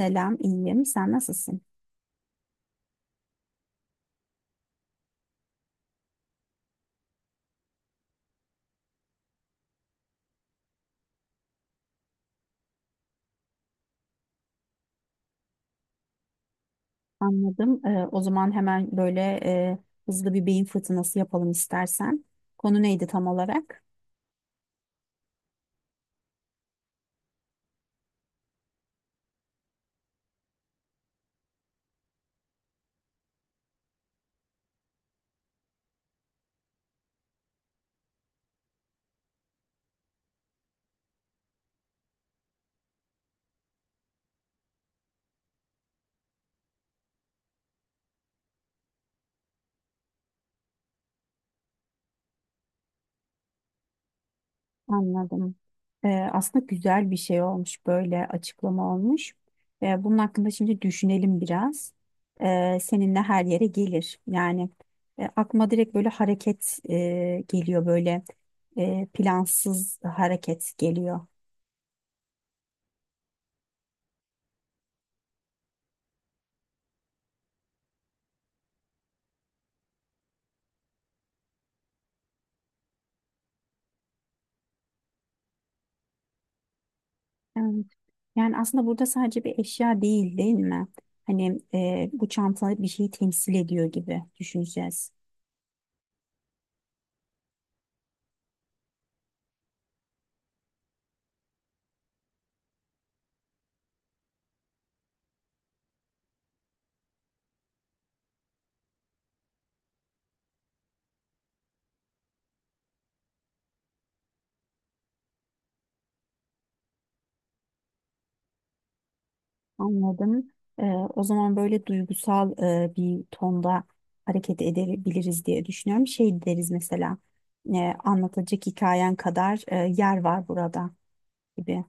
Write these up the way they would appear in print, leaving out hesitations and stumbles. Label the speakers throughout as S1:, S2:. S1: Selam, iyiyim. Sen nasılsın? Anladım. O zaman hemen böyle hızlı bir beyin fırtınası yapalım istersen. Konu neydi tam olarak? Anladım. Aslında güzel bir şey olmuş, böyle açıklama olmuş. Bunun hakkında şimdi düşünelim biraz. Seninle her yere gelir. Yani aklıma direkt böyle hareket geliyor, böyle plansız hareket geliyor. Evet. Yani aslında burada sadece bir eşya değil, değil mi? Hani bu çanta bir şeyi temsil ediyor gibi düşüneceğiz. Anladım. O zaman böyle duygusal bir tonda hareket edebiliriz diye düşünüyorum. Şey deriz mesela, e, anlatacak hikayen kadar yer var burada gibi.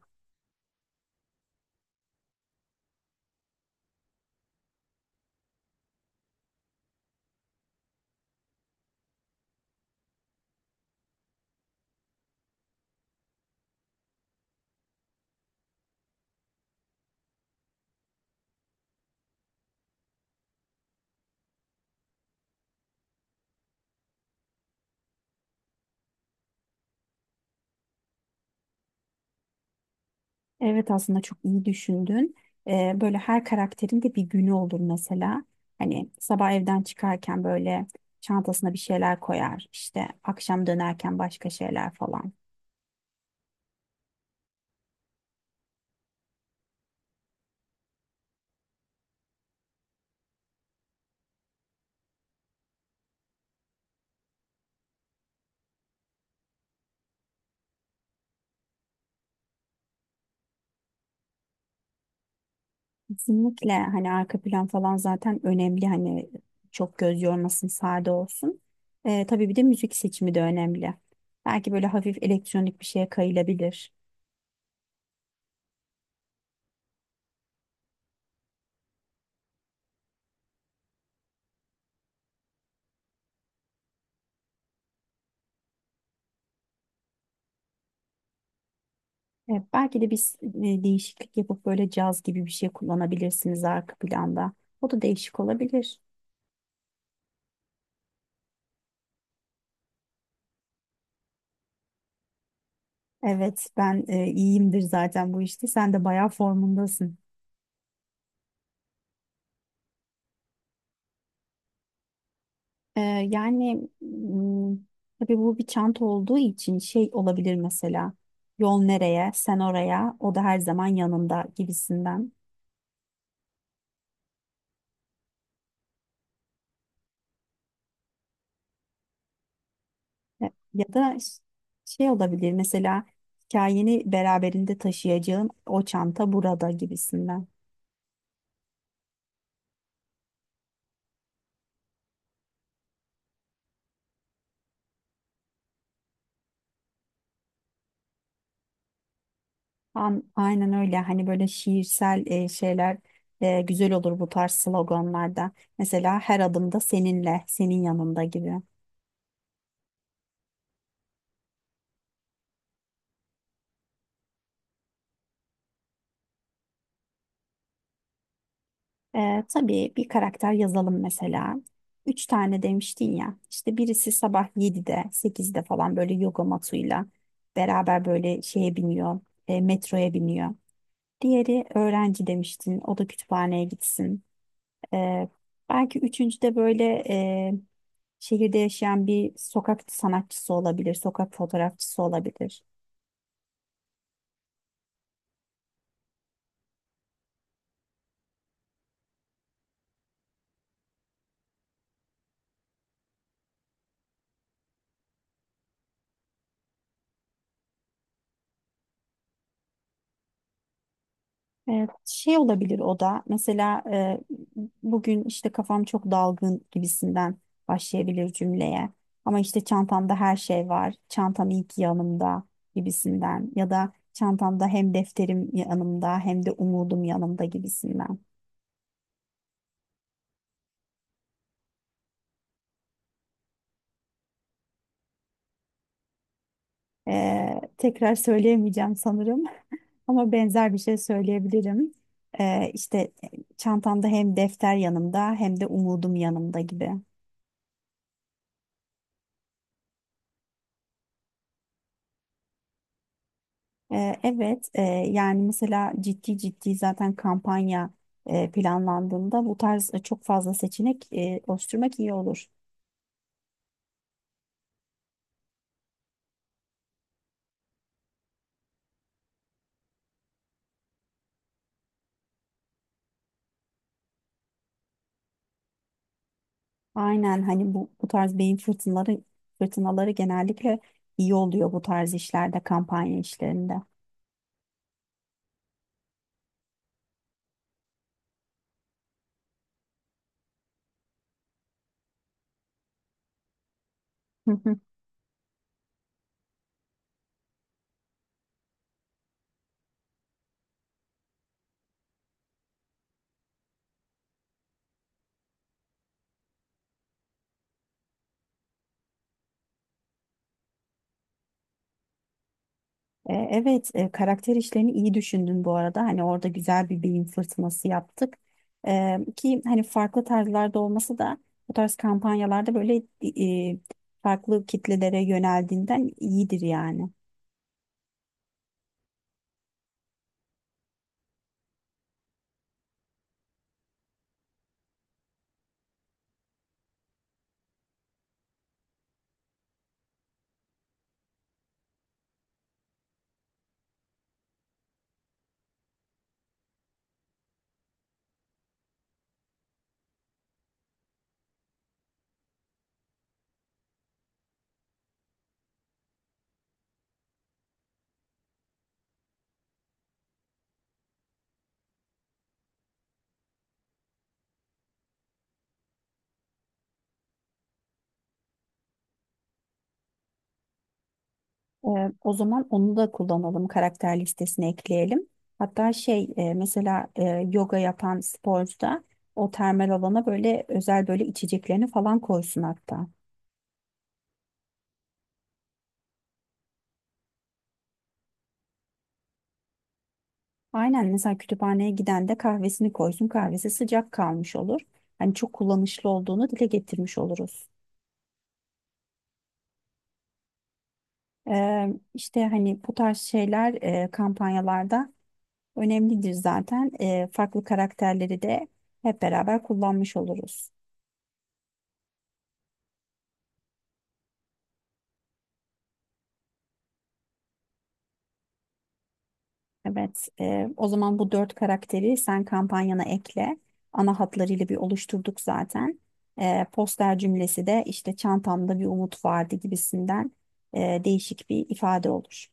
S1: Evet, aslında çok iyi düşündün. Böyle her karakterin de bir günü olur mesela. Hani sabah evden çıkarken böyle çantasına bir şeyler koyar. İşte akşam dönerken başka şeyler falan. Kesinlikle, hani arka plan falan zaten önemli, hani çok göz yormasın, sade olsun. Tabii bir de müzik seçimi de önemli. Belki böyle hafif elektronik bir şeye kayılabilir. Belki de biz değişiklik yapıp böyle caz gibi bir şey kullanabilirsiniz arka planda. O da değişik olabilir. Evet, ben iyiyimdir zaten bu işte. Sen de bayağı formundasın. Ee, Yani tabii bu bir çanta olduğu için şey olabilir mesela. Yol nereye, sen oraya, o da her zaman yanında gibisinden. Ya da şey olabilir mesela, hikayeni beraberinde taşıyacağın o çanta burada gibisinden. Aynen öyle, hani böyle şiirsel şeyler güzel olur bu tarz sloganlarda. Mesela her adımda seninle, senin yanında gibi. Tabii bir karakter yazalım mesela. Üç tane demiştin ya. İşte birisi sabah 7'de, 8'de falan böyle yoga matıyla beraber böyle şeye biniyor, metroya biniyor. Diğeri öğrenci demiştin. O da kütüphaneye gitsin. Ee, Belki üçüncü de böyle e, şehirde yaşayan bir sokak sanatçısı olabilir, sokak fotoğrafçısı olabilir. Evet, şey olabilir o da mesela. Bugün işte kafam çok dalgın gibisinden başlayabilir cümleye, ama işte çantamda her şey var, çantam iyi ki yanımda gibisinden, ya da çantamda hem defterim yanımda hem de umudum yanımda gibisinden. Tekrar söyleyemeyeceğim sanırım ama benzer bir şey söyleyebilirim. İşte çantamda hem defter yanımda hem de umudum yanımda gibi. Evet, yani mesela ciddi ciddi zaten kampanya planlandığında bu tarz çok fazla seçenek oluşturmak iyi olur. Aynen, hani bu tarz beyin fırtınaları genellikle iyi oluyor bu tarz işlerde, kampanya işlerinde. Evet, karakter işlerini iyi düşündün bu arada. Hani orada güzel bir beyin fırtınası yaptık. Ki hani farklı tarzlarda olması da bu tarz kampanyalarda böyle e, farklı kitlelere yöneldiğinden iyidir yani. E, O zaman onu da kullanalım, karakter listesine ekleyelim. Hatta şey mesela yoga yapan sporcu da o termal alana böyle özel böyle içeceklerini falan koysun hatta. Aynen, mesela kütüphaneye giden de kahvesini koysun. Kahvesi sıcak kalmış olur. Hani çok kullanışlı olduğunu dile getirmiş oluruz. Ee, işte hani bu tarz şeyler kampanyalarda önemlidir zaten. Farklı karakterleri de hep beraber kullanmış oluruz. Evet, o zaman bu dört karakteri sen kampanyana ekle. Ana hatlarıyla bir oluşturduk zaten. Poster cümlesi de işte çantamda bir umut vardı gibisinden değişik bir ifade olur.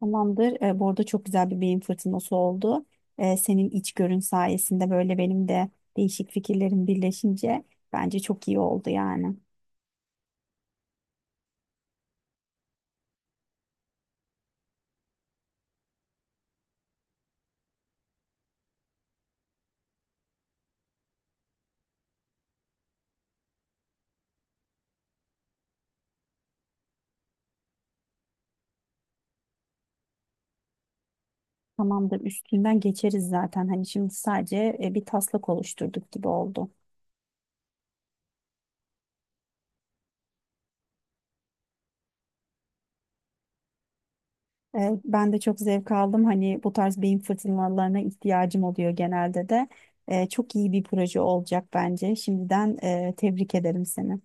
S1: Tamamdır. Bu arada çok güzel bir beyin fırtınası oldu. Senin içgörün sayesinde böyle benim de değişik fikirlerim birleşince bence çok iyi oldu yani. Tamamdır. Üstünden geçeriz zaten. Hani şimdi sadece bir taslak oluşturduk gibi oldu. Ben de çok zevk aldım. Hani bu tarz beyin fırtınalarına ihtiyacım oluyor genelde de. Çok iyi bir proje olacak bence. Şimdiden tebrik ederim seni.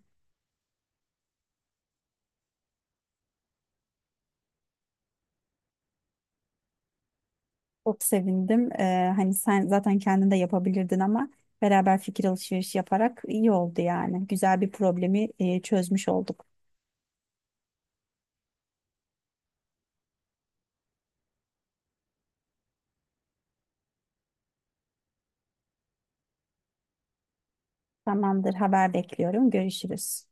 S1: Çok sevindim. Hani sen zaten kendin de yapabilirdin ama beraber fikir alışverişi yaparak iyi oldu yani. Güzel bir problemi çözmüş olduk. Tamamdır, haber bekliyorum. Görüşürüz.